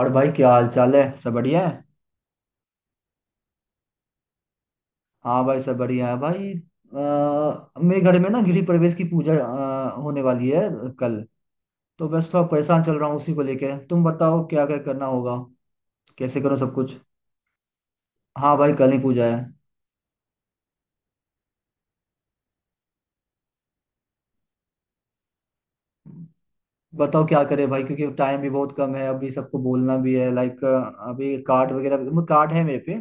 और भाई क्या हाल चाल है। सब बढ़िया है। हाँ भाई सब बढ़िया है भाई। मेरे घर में ना गृह प्रवेश की पूजा होने वाली है कल। तो बस थोड़ा परेशान चल रहा हूँ उसी को लेके। तुम बताओ क्या क्या करना होगा, कैसे करो सब कुछ। हाँ भाई कल ही पूजा है। बताओ क्या करे भाई, क्योंकि टाइम भी बहुत कम है। अभी सबको बोलना भी है, लाइक अभी कार्ड कार्ड है मेरे पे।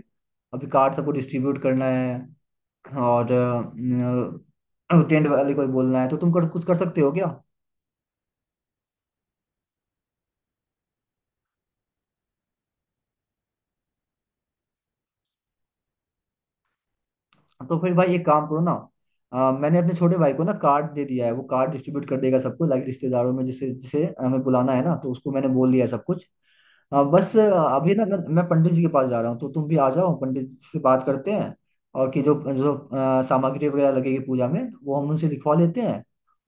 अभी कार्ड सबको डिस्ट्रीब्यूट करना है। और टेंट वाले को भी बोलना है, तो कुछ कर सकते हो क्या। तो फिर भाई एक काम करो ना। मैंने अपने छोटे भाई को ना कार्ड दे दिया है। वो कार्ड डिस्ट्रीब्यूट कर देगा सबको, लाइक रिश्तेदारों में जिसे जिसे हमें बुलाना है ना, तो उसको मैंने बोल दिया है सब कुछ। अ, बस अ, अभी ना मैं पंडित जी के पास जा रहा हूँ, तो तुम भी आ जाओ। पंडित जी से बात करते हैं। और कि जो जो सामग्री वगैरह लगेगी पूजा में, वो हम उनसे लिखवा लेते हैं।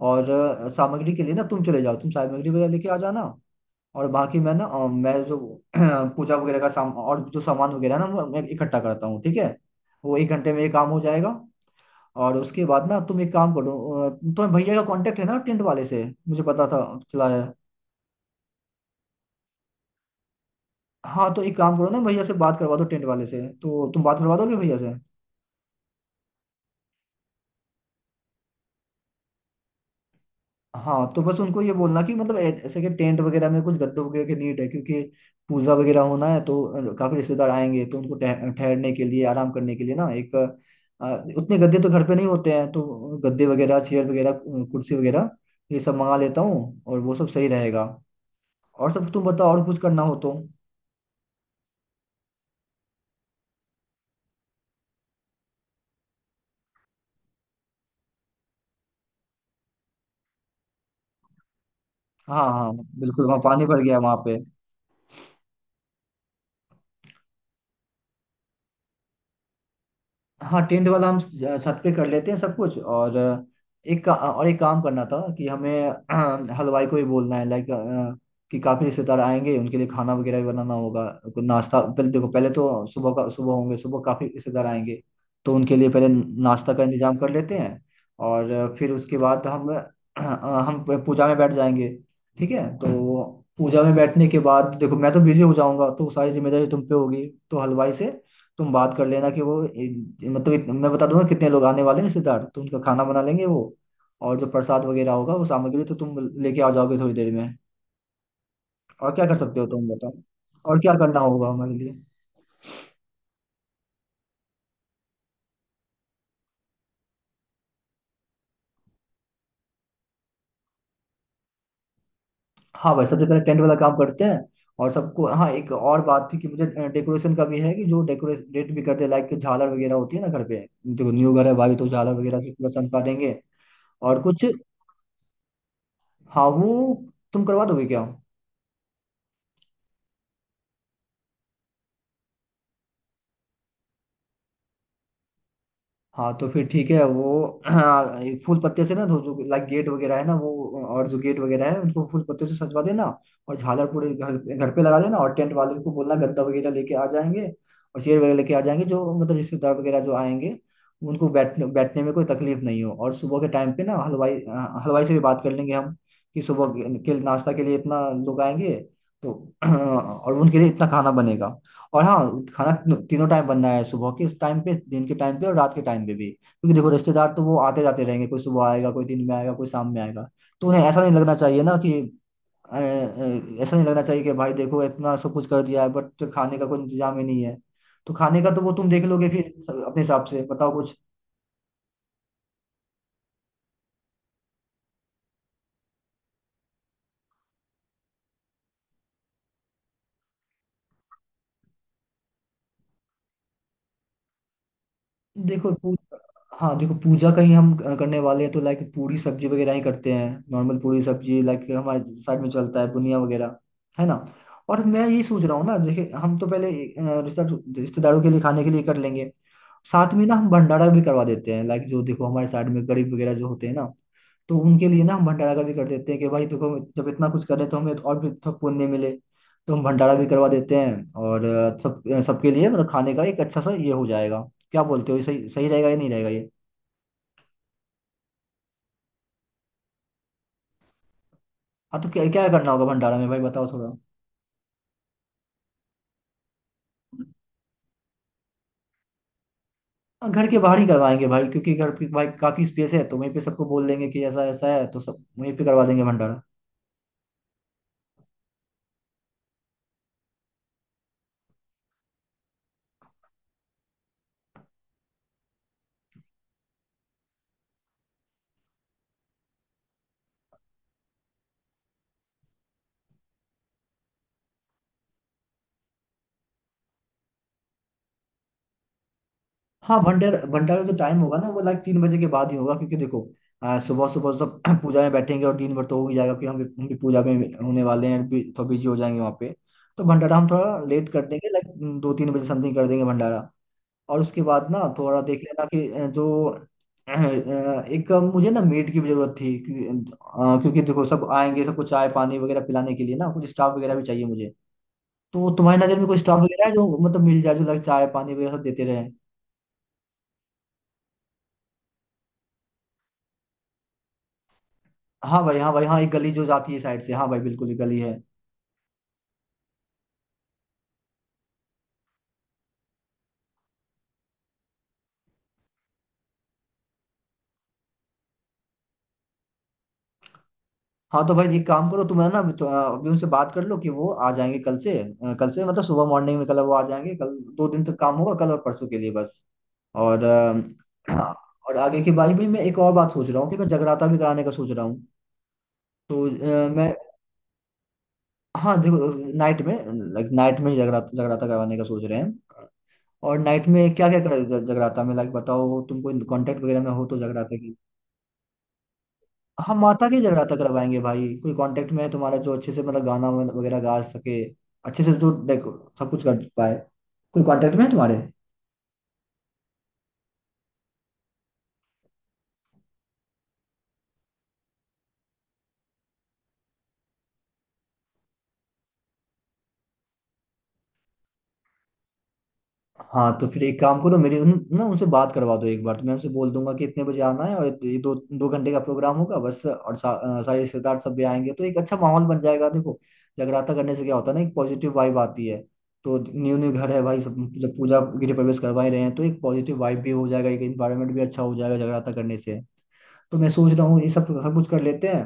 और सामग्री के लिए ना तुम चले जाओ, तुम सामग्री वगैरह लेके आ जाना। और बाकी मैं ना मैं जो पूजा वगैरह का साम और जो सामान वगैरह ना, वो मैं इकट्ठा करता हूँ, ठीक है। वो 1 घंटे में ये काम हो जाएगा। और उसके बाद ना तुम एक काम करो। अ, तुम्हें भैया का कांटेक्ट है ना टेंट वाले से। मुझे पता था चला है। हाँ तो एक काम करो ना, भैया से बात करवा दो टेंट वाले से, तो तुम बात करवा दोगे भैया से। हाँ तो बस उनको ये बोलना कि मतलब ऐसे कि टेंट वगैरह में कुछ गद्दों वगैरह की नीड है। क्योंकि पूजा वगैरह होना है, तो काफी रिश्तेदार आएंगे, तो उनको ठहरने के लिए, आराम करने के लिए ना एक उतने गद्दे तो घर पे नहीं होते हैं। तो गद्दे वगैरह, चेयर वगैरह, कुर्सी वगैरह, ये सब मंगा लेता हूँ, और वो सब सही रहेगा। और सब तुम बताओ, और कुछ करना हो तो। हाँ हाँ, बिल्कुल वहाँ पानी भर गया वहाँ पे। हाँ टेंट वाला हम छत पे कर लेते हैं सब कुछ। और एक और एक काम करना था कि हमें हलवाई को भी बोलना है, लाइक कि काफी रिश्तेदार आएंगे, उनके लिए खाना वगैरह भी बनाना होगा। कोई नाश्ता, पहले देखो पहले तो सुबह का सुबह होंगे, सुबह काफी रिश्तेदार आएंगे। तो उनके लिए पहले नाश्ता का इंतजाम कर लेते हैं। और फिर उसके बाद हम हम पूजा में बैठ जाएंगे। ठीक है तो पूजा में बैठने के बाद देखो मैं तो बिजी हो जाऊंगा, तो सारी जिम्मेदारी तुम पे होगी। तो हलवाई से तुम बात कर लेना कि वो मैं बता दूंगा कितने लोग आने वाले हैं रिश्तेदार, तो उनका खाना बना लेंगे वो। और जो प्रसाद वगैरह होगा वो सामग्री तो तुम लेके आ जाओगे थोड़ी देर में। और क्या कर सकते हो तुम बताओ। और क्या करना होगा हमारे लिए। हाँ भाई सबसे पहले टेंट वाला काम करते हैं। और सबको हाँ एक और बात थी कि मुझे डेकोरेशन का भी है, कि जो डेकोरेट भी करते हैं, लाइक झालर वगैरह होती है ना घर पे। देखो न्यू घर है भाई, तो झालर वगैरह से पूरा चमका देंगे। और कुछ हाँ वो तुम करवा दोगे क्या। हाँ तो फिर ठीक है वो। हाँ, ये फूल पत्ते से ना जो जो लाइक गेट वगैरह है ना वो, और जो गेट वगैरह है उनको फूल पत्ते से सजवा देना। और झालर पूरे घर घर पे लगा देना। और टेंट वाले को बोलना गद्दा वगैरह लेके आ जाएंगे, और चेयर वगैरह लेके आ जाएंगे, जो मतलब रिश्तेदार वगैरह जो आएंगे, उनको बैठने बैठने में कोई तकलीफ नहीं हो। और सुबह के टाइम पे ना हलवाई से भी बात कर लेंगे हम, कि सुबह के नाश्ता के लिए इतना लोग आएंगे तो और उनके लिए इतना खाना बनेगा। और हाँ, खाना तीनों तीनों टाइम बनना है, सुबह के उस टाइम पे, दिन के टाइम पे, और रात के टाइम पे भी। क्योंकि देखो रिश्तेदार तो वो आते जाते रहेंगे, कोई सुबह आएगा, कोई दिन में आएगा, कोई शाम में आएगा। तो उन्हें ऐसा नहीं लगना चाहिए ना, कि ऐसा नहीं लगना चाहिए कि भाई देखो इतना सब कुछ कर दिया है बट खाने का कोई इंतजाम ही नहीं है। तो खाने का तो वो तुम देख लोगे फिर। अपने हिसाब से बताओ कुछ। देखो पू, हाँ देखो पूजा का ही हम करने वाले हैं, तो लाइक पूरी सब्जी वगैरह ही करते हैं नॉर्मल। पूरी सब्जी, लाइक हमारे साइड में चलता है बुनिया वगैरह, है ना। और मैं ये सोच रहा हूँ ना, देखिए हम तो पहले अ, रिश्ता रिश्तेदारों के लिए खाने के लिए कर लेंगे। साथ में ना हम भंडारा भी करवा देते हैं, लाइक जो देखो हमारे साइड में गरीब वगैरह जो होते हैं ना, तो उनके लिए ना हम भंडारा का भी कर देते हैं। कि भाई देखो जब इतना कुछ कर रहे तो हमें तो और भी थोड़ा पुण्य मिले। तो हम भंडारा भी करवा देते हैं। और सबके लिए मतलब खाने का एक अच्छा सा ये हो जाएगा। क्या बोलते हो, ये सही सही रहेगा या नहीं रहेगा ये। हाँ तो क्या क्या करना होगा भंडारा में भाई, बताओ थोड़ा। हाँ, घर के बाहर ही करवाएंगे भाई, क्योंकि घर की भाई काफी स्पेस है, तो वहीं पे सबको बोल देंगे कि ऐसा ऐसा है, तो सब वहीं पे करवा देंगे भंडारा। हाँ भंडारा जो टाइम होगा ना वो लाइक 3 बजे के बाद ही होगा। क्योंकि देखो सुबह सुबह सब पूजा में बैठेंगे, और दिन भर तो हो ही जाएगा। क्योंकि हम भी पूजा में होने वाले हैं, थोड़ा बिजी हो जाएंगे वहाँ पे। तो भंडारा हम थोड़ा लेट कर देंगे, लाइक 2-3 बजे समथिंग कर देंगे भंडारा। और उसके बाद ना थोड़ा देख लेना कि एक मुझे ना मेड की भी जरूरत थी। क्योंकि क्योंकि देखो सब आएंगे, सबको चाय पानी वगैरह पिलाने के लिए ना कुछ स्टाफ वगैरह भी चाहिए मुझे। तो तुम्हारी नजर में कोई स्टाफ वगैरह है जो मतलब मिल जाए जो लाइक चाय पानी वगैरह सब देते रहे। हाँ भाई हाँ भाई हाँ, एक गली जो जाती है साइड से, हाँ भाई बिल्कुल एक गली है। हाँ तो भाई एक काम करो, तुम है ना अभी उनसे बात कर लो कि वो आ जाएंगे कल से। कल से मतलब सुबह मॉर्निंग में कल वो आ जाएंगे। कल 2 दिन तक काम होगा, कल और परसों के लिए बस। और हाँ, और आगे की बारी में मैं एक और बात सोच रहा हूँ कि मैं जगराता भी कराने का सोच रहा हूँ। तो अ, मैं हाँ देखो नाइट में, लाइक नाइट में जगराता जगराता करवाने का सोच रहे हैं। और नाइट में क्या क्या जगराता में, लाइक बताओ तुमको कांटेक्ट वगैरह में हो तो जगराता। हम माता की जगराता करवाएंगे भाई, कोई कांटेक्ट में है तुम्हारा जो अच्छे से मतलब गाना वगैरह गा सके, अच्छे से जो देखो सब कुछ कर पाए। कोई कांटेक्ट में है तुम्हारे। हाँ तो फिर एक काम करो, मेरी उन, ना उनसे बात करवा दो एक बार, तो मैं उनसे बोल दूंगा कि इतने बजे आना है, और ये दो दो घंटे का प्रोग्राम होगा बस। और सारे रिश्तेदार सब भी आएंगे, तो एक अच्छा माहौल बन जाएगा। देखो जगराता करने से क्या होता है ना, एक पॉजिटिव वाइब आती है। तो न्यू न्यू घर है भाई सब, जब पूजा गृह प्रवेश करवा ही रहे हैं, तो एक पॉजिटिव वाइब भी हो जाएगा, एक इन्वायरमेंट भी अच्छा हो जाएगा जगराता करने से। तो मैं सोच रहा हूँ ये सब सब कुछ कर लेते हैं।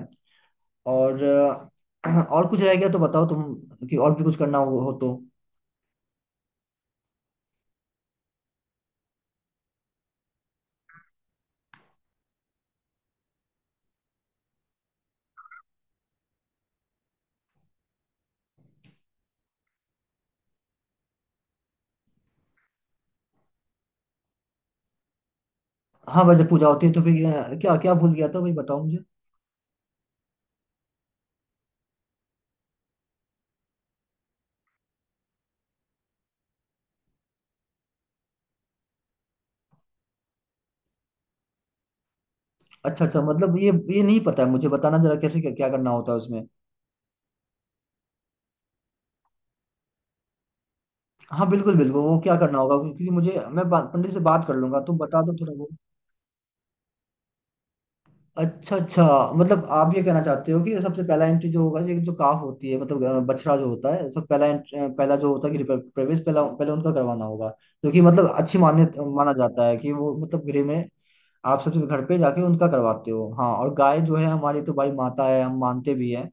और और कुछ रह गया तो बताओ तुम, कि और भी कुछ करना हो तो। हाँ भाई, जब पूजा होती है तो फिर क्या क्या भूल गया था भाई, बताओ मुझे। अच्छा अच्छा, मतलब ये नहीं पता है मुझे, बताना जरा कैसे क्या, क्या करना होता है उसमें। हाँ बिल्कुल बिल्कुल, वो क्या करना होगा, क्योंकि मुझे पंडित से बात कर लूंगा, तुम बता दो थोड़ा वो। अच्छा अच्छा, मतलब आप ये कहना चाहते हो कि सबसे पहला एंट्री जो होगा, ये जो काफ होती है मतलब बछड़ा जो होता है, सब पहला एंट्री पहला जो होता है प्रवेश पहला पहले उनका करवाना होगा। क्योंकि मतलब अच्छी मान्य माना जाता है कि वो मतलब गृह में आप सबसे घर पे जाके उनका करवाते हो। हाँ और गाय जो है हमारी तो भाई माता है, हम मानते भी हैं।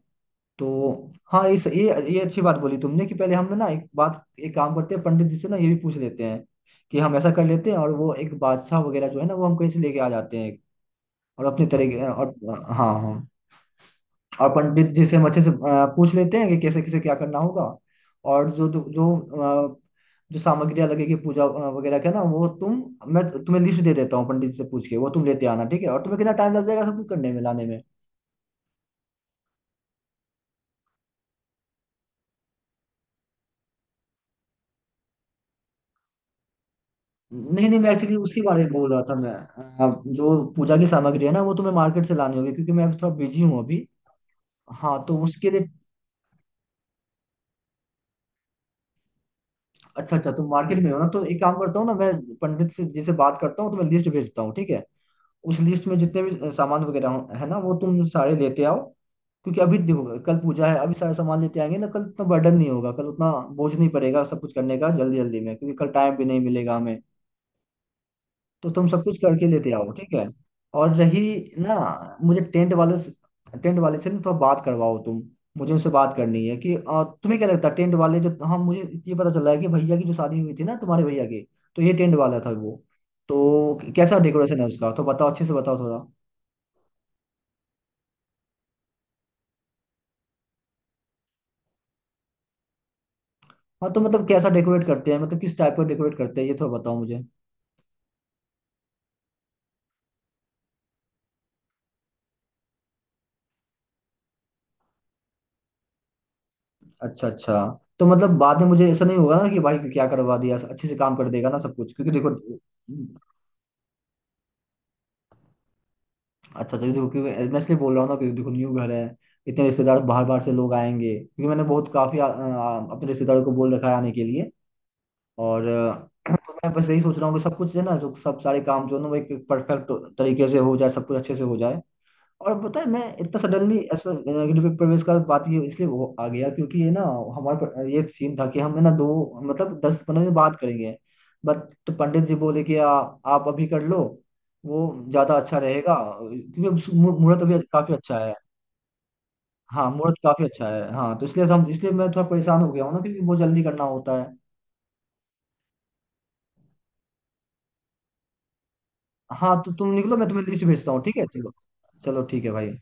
तो हाँ इस ये अच्छी बात बोली तुमने कि पहले हम ना एक बात एक काम करते हैं, पंडित जी से ना ये भी पूछ लेते हैं कि हम ऐसा कर लेते हैं। और वो एक बादशाह वगैरह जो है ना वो हमको ऐसे लेके आ जाते हैं, और अपने तरीके और हाँ हाँ। और पंडित जी से हम अच्छे से पूछ लेते हैं कि कैसे कैसे क्या करना होगा। और जो जो जो जो सामग्रियाँ लगेगी पूजा वगैरह के ना, वो तुम मैं तुम्हें लिस्ट दे देता हूँ, पंडित से पूछ के वो तुम लेते आना, ठीक है। और तुम्हें कितना टाइम लग जाएगा सब कुछ करने में लाने में। नहीं नहीं मैं एक्चुअली उसी बारे में बोल रहा था, जो पूजा की सामग्री है ना, वो तुम्हें मार्केट से लानी होगी, क्योंकि मैं थोड़ा बिजी हूँ अभी। हाँ तो उसके लिए अच्छा अच्छा, तुम मार्केट में हो ना, तो एक काम करता हूँ ना मैं। पंडित से जी से बात करता हूँ, तो मैं लिस्ट भेजता हूँ, ठीक है। उस लिस्ट में जितने भी सामान है ना, वो तुम सारे लेते आओ। क्योंकि अभी देखो कल पूजा है, अभी सारे सामान लेते आएंगे ना, कल उतना बर्डन नहीं होगा, कल उतना बोझ नहीं पड़ेगा सब कुछ करने का जल्दी जल्दी में, क्योंकि कल टाइम भी नहीं मिलेगा हमें। तो तुम सब कुछ करके लेते आओ, ठीक है। और रही ना, मुझे टेंट वाले से ना थोड़ा बात करवाओ तुम। मुझे उनसे बात करनी है कि तुम्हें क्या लगता है टेंट वाले जो, हाँ मुझे ये पता चला है कि भैया की जो शादी हुई थी ना तुम्हारे भैया की, तो ये टेंट वाला था वो। तो कैसा डेकोरेशन है उसका, तो बताओ अच्छे से बताओ थोड़ा। हाँ तो मतलब कैसा डेकोरेट करते हैं, मतलब किस टाइप का डेकोरेट करते हैं, ये थोड़ा बताओ मुझे। अच्छा अच्छा, तो मतलब बाद में मुझे ऐसा नहीं होगा ना कि भाई क्या करवा दिया, अच्छे से काम कर देगा ना सब कुछ, क्योंकि देखो अच्छा अच्छा देखो क्योंकि मैं इसलिए बोल रहा हूँ ना, क्योंकि देखो न्यू घर है, इतने रिश्तेदार बाहर बाहर से लोग आएंगे, क्योंकि मैंने बहुत काफी आ, आ, अपने रिश्तेदारों को बोल रखा है आने के लिए। और तो मैं बस यही सोच रहा हूँ कि सब कुछ है ना, जो सब सारे काम जो है ना, वो एक परफेक्ट तरीके से हो जाए, सब कुछ अच्छे से हो जाए। और पता है, मैं इतना सडनली ऐसा नेगेटिव पे प्रवेश का बात ये इसलिए वो आ गया, क्योंकि ये ना ये सीन था कि हम है ना दो, मतलब 10-15 दिन बात करेंगे बट, तो पंडित जी बोले कि आप अभी कर लो वो ज्यादा अच्छा रहेगा, क्योंकि मुहूर्त अभी काफी अच्छा है। हाँ मुहूर्त काफी अच्छा है। हाँ तो इसलिए हम इसलिए मैं थोड़ा परेशान हो गया हूँ ना, क्योंकि बहुत जल्दी करना होता है। हाँ तो तुम निकलो, मैं तुम्हें लिस्ट भेजता हूँ, ठीक है चलो। चलो ठीक है भाई।